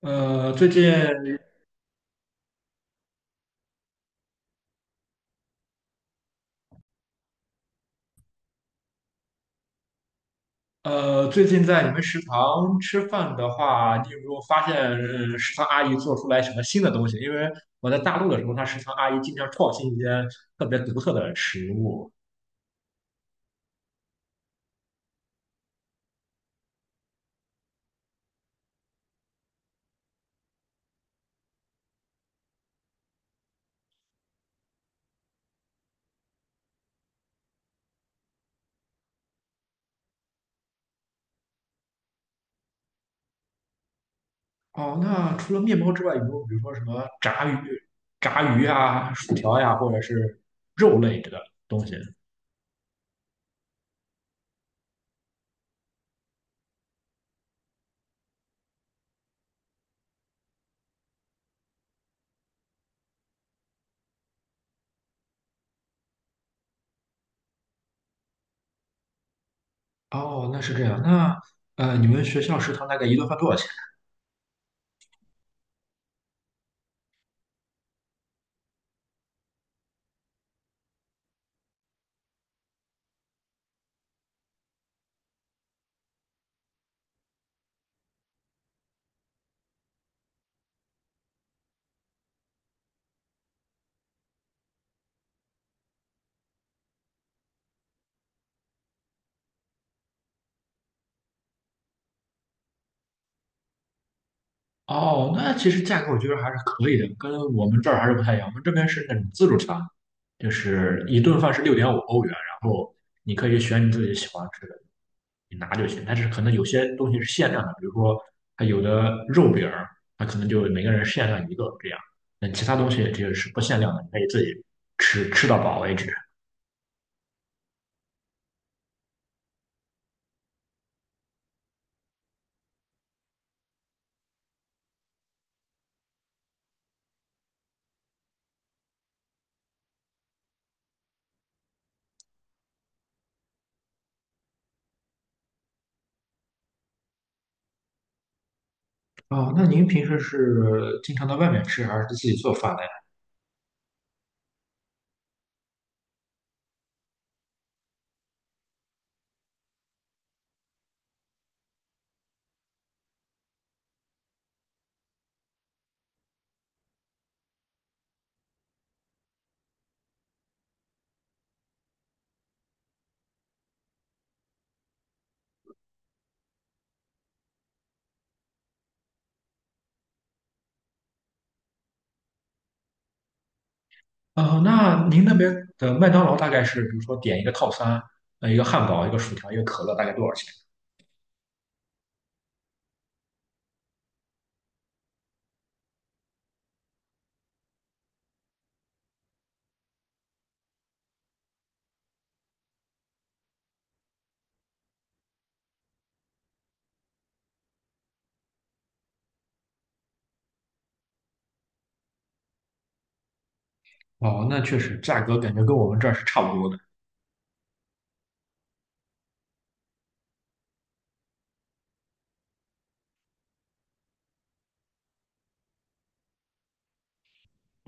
呃，最近最近在你们食堂吃饭的话，你有没有发现，食堂阿姨做出来什么新的东西？因为我在大陆的时候，食堂阿姨经常创新一些特别独特的食物。哦，那除了面包之外，有没有比如说什么炸鱼、炸鱼啊、薯条呀、或者是肉类的东西？哦，那是这样。那你们学校食堂大概一顿饭多少钱？哦，那其实价格我觉得还是可以的，跟我们这儿还是不太一样。我们这边是那种自助餐，就是一顿饭是6.5欧元，然后你可以选你自己喜欢吃的，你拿就行。但是可能有些东西是限量的，比如说它有的肉饼儿，它可能就每个人限量一个这样。那其他东西这个是不限量的，你可以自己吃到饱为止。哦，那您平时是经常到外面吃，还是自己做饭呢？哦，那您那边的麦当劳大概是，比如说点一个套餐，一个汉堡，一个薯条，一个可乐，大概多少钱？哦，那确实价格感觉跟我们这儿是差不多的。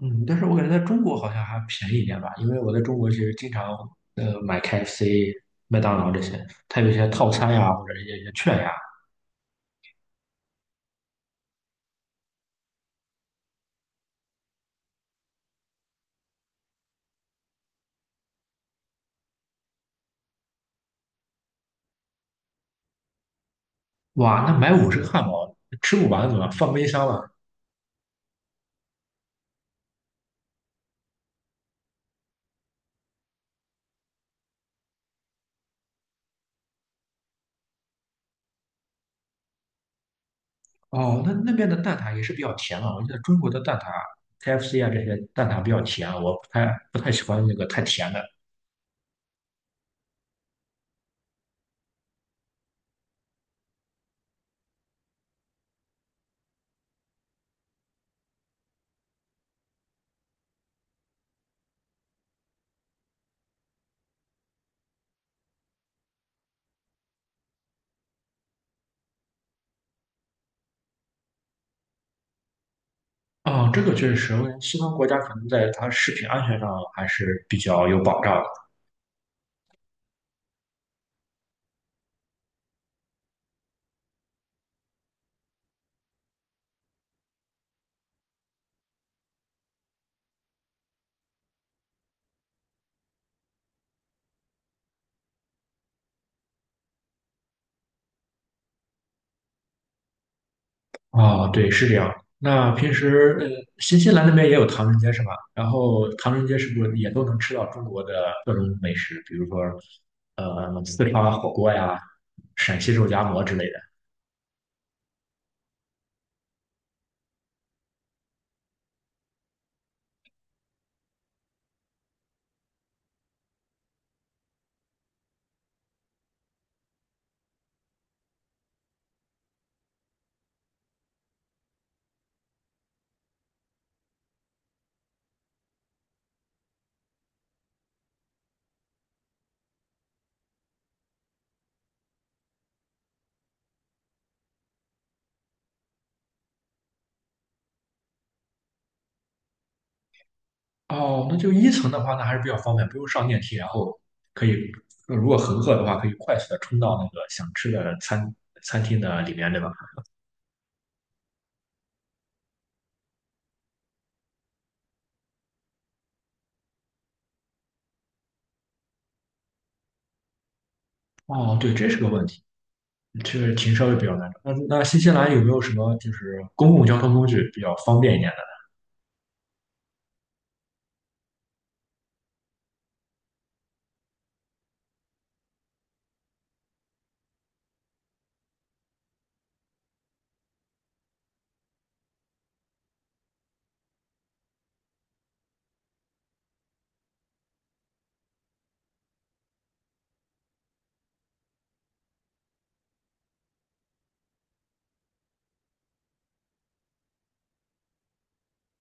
嗯，但是我感觉在中国好像还便宜一点吧，因为我在中国其实经常买 KFC、麦当劳这些，它有一些套餐呀，或者一些券呀。哇，那买50个汉堡吃不完怎么办放冰箱了？哦，那那边的蛋挞也是比较甜啊，我记得中国的蛋挞 KFC 啊这些蛋挞比较甜啊，我不太喜欢那个太甜的。啊、这个确实，我感觉西方国家可能在它食品安全上还是比较有保障的。啊、对，是这样的。那平时，新西兰那边也有唐人街是吧？然后唐人街是不是也都能吃到中国的各种美食，比如说，四川火锅呀、陕西肉夹馍之类的？哦，那就一层的话，那还是比较方便，不用上电梯，然后可以，如果很饿的话，可以快速的冲到那个想吃的餐厅的里面，对吧？哦，对，这是个问题。这个挺稍微比较难找。那新西兰有没有什么就是公共交通工具比较方便一点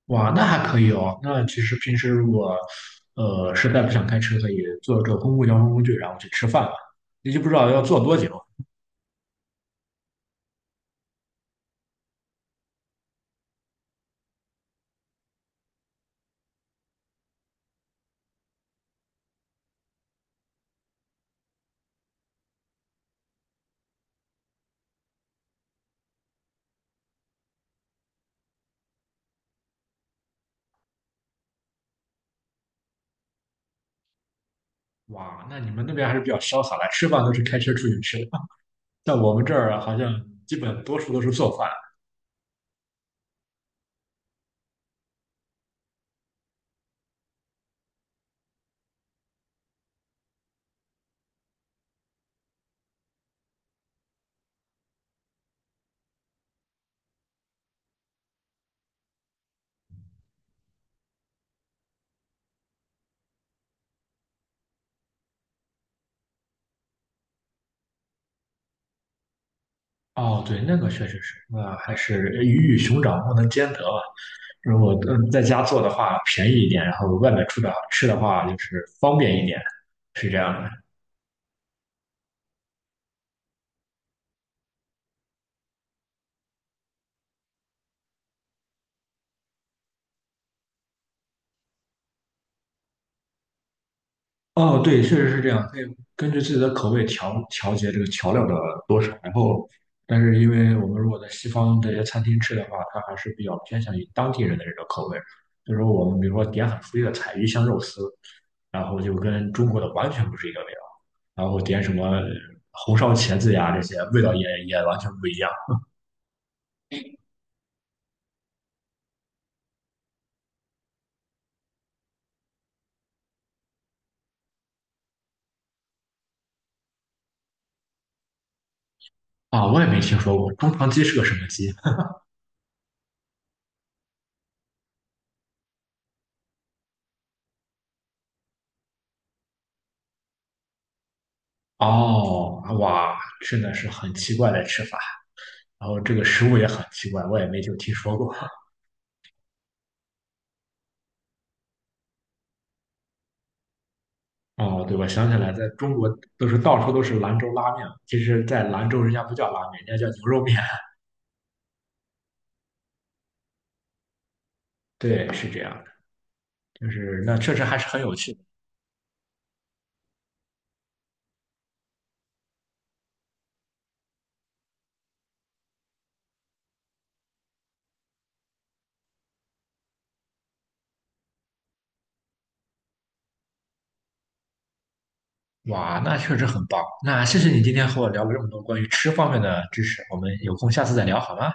的？哇，那还可以哦。那其实平时如果实在不想开车，可以坐这公共交通工具，然后去吃饭吧。你就不知道要坐多久。哇，那你们那边还是比较潇洒的，吃饭都是开车出去吃的。在我们这儿啊好像基本多数都是做饭。哦，对，那个确实是，那还是鱼与熊掌不能兼得吧。如果在家做的话便宜一点，然后外面出的吃的话就是方便一点，是这样的。哦，对，确实是这样，可以根据自己的口味调节这个调料的多少。然后，但是因为我们如果在西方这些餐厅吃的话，它还是比较偏向于当地人的这个口味。就是说我们比如说点很肥的菜，鱼香肉丝，然后就跟中国的完全不是一个味道。然后点什么红烧茄子呀，这些味道也完全不一样啊！我也没听说过中肠鸡是个什么鸡哦，哇，真的是很奇怪的吃法。然后这个食物也很奇怪，我也没就听说过 哦。对，我想起来，在中国都是到处都是兰州拉面，其实，在兰州人家不叫拉面，人家叫牛肉面。对，是这样的，就是那确实还是很有趣。哇，那确实很棒。那谢谢你今天和我聊了这么多关于吃方面的知识，我们有空下次再聊好吗？